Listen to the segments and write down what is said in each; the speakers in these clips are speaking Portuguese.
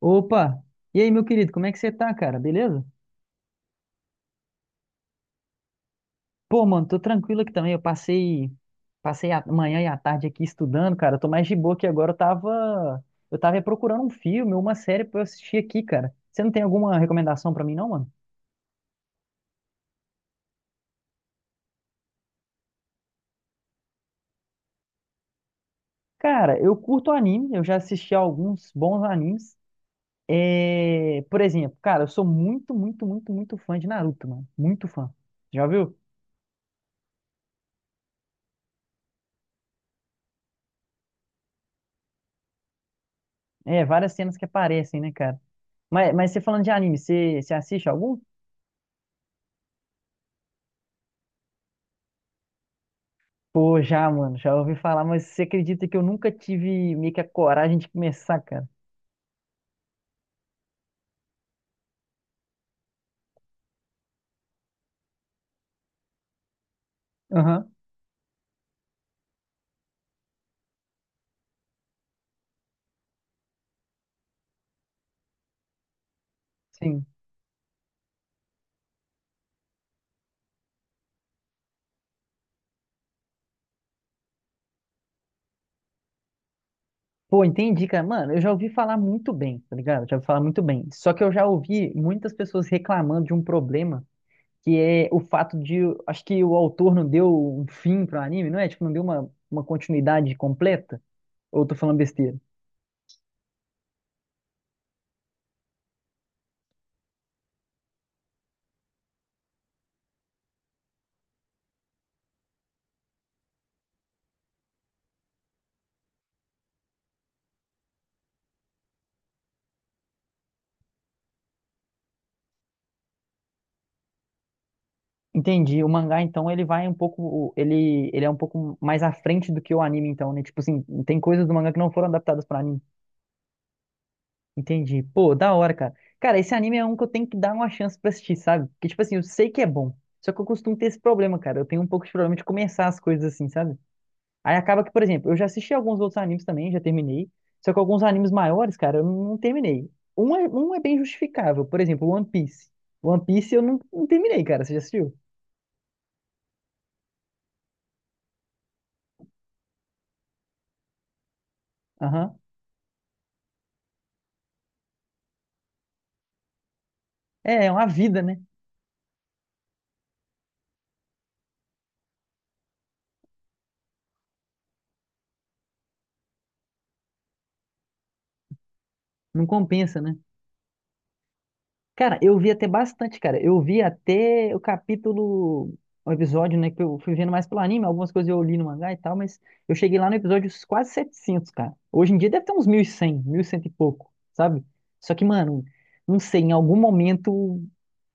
Opa! E aí, meu querido, como é que você tá, cara? Beleza? Pô, mano, tô tranquilo aqui também. Passei a manhã e a tarde aqui estudando, cara. Eu tô mais de boa aqui agora. Eu tava procurando um filme, uma série pra eu assistir aqui, cara. Você não tem alguma recomendação pra mim, não, mano? Cara, eu curto anime. Eu já assisti a alguns bons animes. É... Por exemplo, cara, eu sou muito, muito, muito, muito fã de Naruto, mano. Muito fã. Já viu? É, várias cenas que aparecem, né, cara? Mas você falando de anime, você assiste algum? Pô, já, mano, já ouvi falar, mas você acredita que eu nunca tive meio que a coragem de começar, cara? Aham, sim. Pô, entendi, cara. Mano, eu já ouvi falar muito bem, tá ligado? Já ouvi falar muito bem. Só que eu já ouvi muitas pessoas reclamando de um problema, que é o fato de, acho que o autor não deu um fim pro anime, não é? Tipo, não deu uma continuidade completa? Ou eu tô falando besteira? Entendi. O mangá, então, ele vai um pouco, ele é um pouco mais à frente do que o anime, então, né? Tipo assim, tem coisas do mangá que não foram adaptadas para anime. Entendi. Pô, da hora, cara. Cara, esse anime é um que eu tenho que dar uma chance pra assistir, sabe? Porque, tipo assim, eu sei que é bom. Só que eu costumo ter esse problema, cara. Eu tenho um pouco de problema de começar as coisas assim, sabe? Aí acaba que, por exemplo, eu já assisti alguns outros animes também, já terminei. Só que alguns animes maiores, cara, eu não terminei. Um é bem justificável. Por exemplo, One Piece. One Piece eu não terminei, cara. Você já assistiu? Aham. É, é uma vida, né? Não compensa, né? Cara, eu vi até bastante, cara. Eu vi até o capítulo, o episódio, né? Que eu fui vendo mais pelo anime, algumas coisas eu li no mangá e tal, mas eu cheguei lá no episódio quase 700 cara. Hoje em dia deve ter uns 1100, 1100 e cem e pouco, sabe? Só que, mano, não sei, em algum momento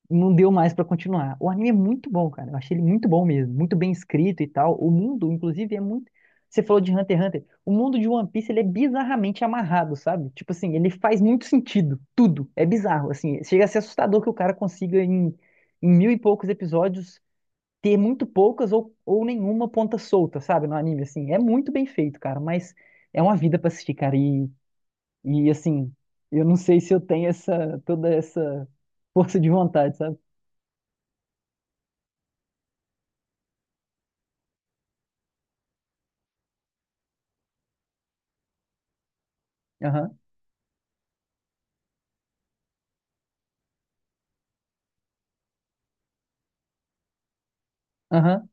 não deu mais pra continuar. O anime é muito bom, cara. Eu achei ele muito bom mesmo, muito bem escrito e tal. O mundo, inclusive, é muito. Você falou de Hunter x Hunter. O mundo de One Piece ele é bizarramente amarrado, sabe? Tipo assim, ele faz muito sentido, tudo. É bizarro, assim. Chega a ser assustador que o cara consiga em mil e poucos episódios ter muito poucas ou nenhuma ponta solta, sabe? No anime, assim. É muito bem feito, cara. Mas é uma vida pra assistir, cara. E assim, eu não sei se eu tenho essa toda essa força de vontade, sabe? Aham. Aham,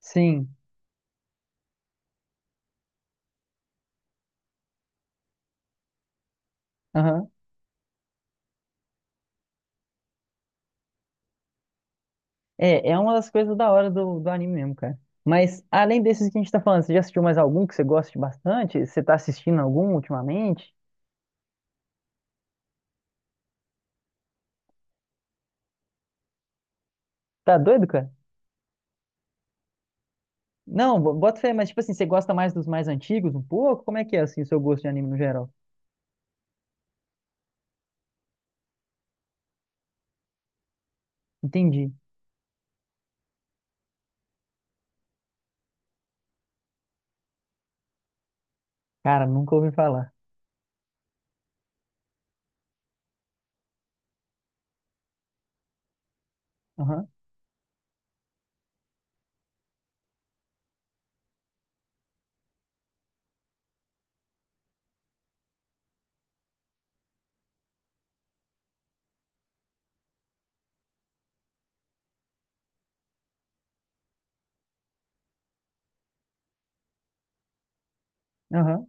sim. Aham. É, é uma das coisas da hora do anime mesmo, cara. Mas além desses que a gente tá falando, você já assistiu mais algum que você goste bastante? Você tá assistindo algum ultimamente? Tá doido, cara? Não, bota fé, mas tipo assim, você gosta mais dos mais antigos um pouco? Como é que é assim o seu gosto de anime no geral? Entendi. Cara, nunca ouvi falar. Aham, aham.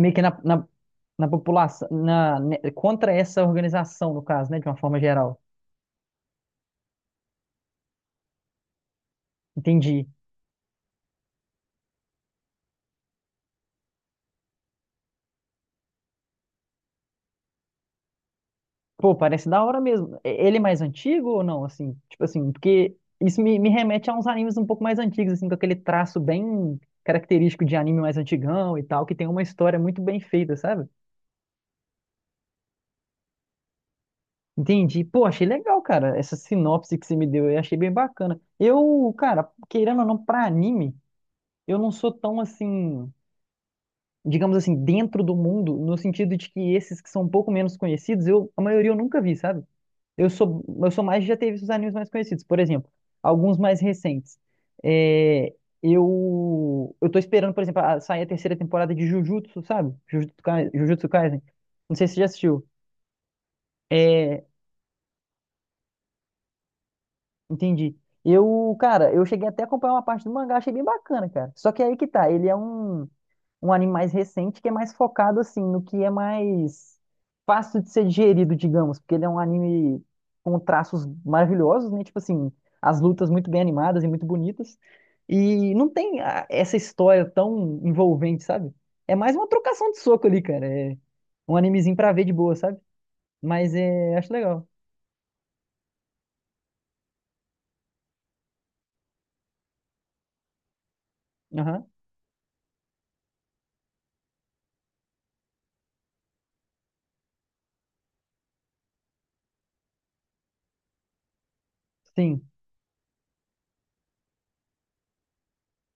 Meio que na população, né, contra essa organização, no caso, né, de uma forma geral. Entendi. Pô, parece da hora mesmo. Ele é mais antigo ou não? Assim, tipo assim, porque isso me remete a uns animes um pouco mais antigos, assim, com aquele traço bem característico de anime mais antigão e tal, que tem uma história muito bem feita, sabe? Entendi. Pô, achei legal, cara. Essa sinopse que você me deu, eu achei bem bacana. Eu, cara, querendo ou não, pra anime, eu não sou tão assim, digamos assim, dentro do mundo, no sentido de que esses que são um pouco menos conhecidos, eu, a maioria eu nunca vi, sabe? Eu sou mais, de já teve os animes mais conhecidos. Por exemplo, alguns mais recentes. É, eu tô esperando, por exemplo, sair a terceira temporada de Jujutsu, sabe? Jujutsu Kaisen. Não sei se você já assistiu. É, entendi. Eu, cara, eu cheguei até a acompanhar uma parte do mangá, achei bem bacana, cara. Só que aí que tá, ele é um anime mais recente que é mais focado assim no que é mais fácil de ser digerido, digamos, porque ele é um anime com traços maravilhosos, né? Tipo assim, as lutas muito bem animadas e muito bonitas. E não tem essa história tão envolvente, sabe? É mais uma trocação de soco ali, cara. É um animezinho pra ver de boa, sabe? Mas é, acho legal. Aham. Sim.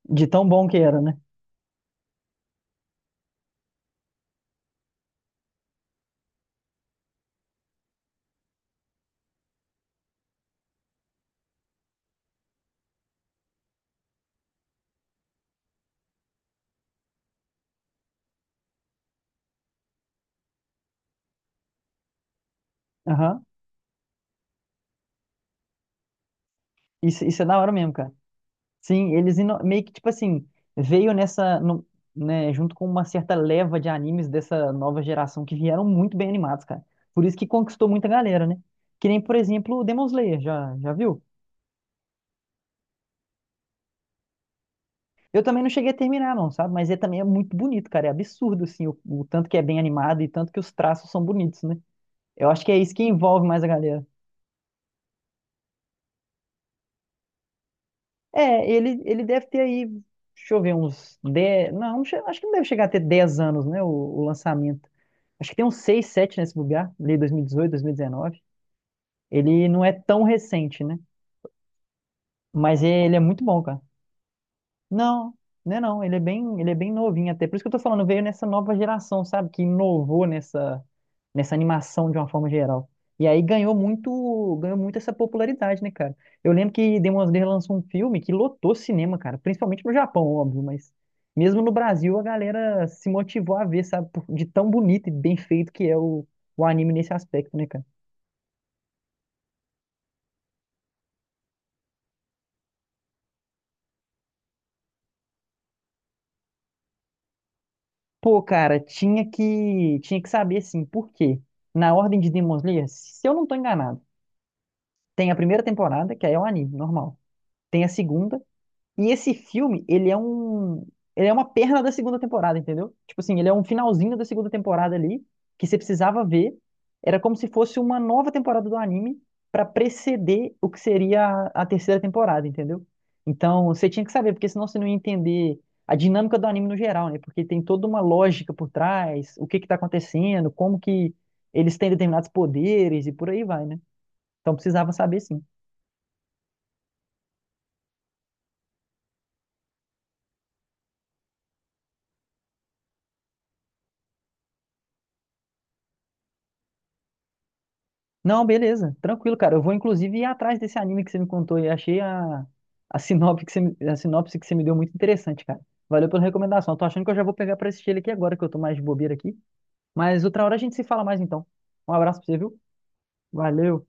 De tão bom que era, né? Aham. Isso é da hora mesmo, cara. Sim, meio que, tipo assim, veio nessa, né, junto com uma certa leva de animes dessa nova geração que vieram muito bem animados, cara. Por isso que conquistou muita galera, né? Que nem, por exemplo, o Demon Slayer, já viu? Eu também não cheguei a terminar, não, sabe? Mas ele também é muito bonito, cara. É absurdo, assim, o tanto que é bem animado e tanto que os traços são bonitos, né? Eu acho que é isso que envolve mais a galera. É, ele deve ter aí, deixa eu ver, uns 10. Não, acho que não deve chegar a ter 10 anos, né? O lançamento. Acho que tem uns 6, 7 nesse lugar, ali 2018, 2019. Ele não é tão recente, né? Mas ele é muito bom, cara. Não, né não, ele é bem, novinho até. Por isso que eu tô falando, veio nessa nova geração, sabe? Que inovou nessa animação de uma forma geral. E aí ganhou muito essa popularidade, né, cara? Eu lembro que Demon Slayer lançou um filme que lotou cinema, cara, principalmente no Japão, óbvio, mas mesmo no Brasil a galera se motivou a ver, sabe, de tão bonito e bem feito que é o anime nesse aspecto, né, cara? Pô, cara, tinha que saber assim, por quê? Na ordem de Demon Slayer, se eu não tô enganado, tem a primeira temporada, que aí é um anime normal. Tem a segunda. E esse filme, ele é um. Ele é uma perna da segunda temporada, entendeu? Tipo assim, ele é um finalzinho da segunda temporada ali, que você precisava ver. Era como se fosse uma nova temporada do anime pra preceder o que seria a terceira temporada, entendeu? Então, você tinha que saber, porque senão você não ia entender a dinâmica do anime no geral, né? Porque tem toda uma lógica por trás, o que que tá acontecendo, como que eles têm determinados poderes e por aí vai, né? Então precisava saber sim. Não, beleza, tranquilo, cara. Eu vou inclusive ir atrás desse anime que você me contou e achei a sinopse que você me, a sinopse que você me deu muito interessante, cara. Valeu pela recomendação. Eu tô achando que eu já vou pegar pra assistir ele aqui agora, que eu tô mais de bobeira aqui. Mas outra hora a gente se fala mais então. Um abraço pra você, viu? Valeu.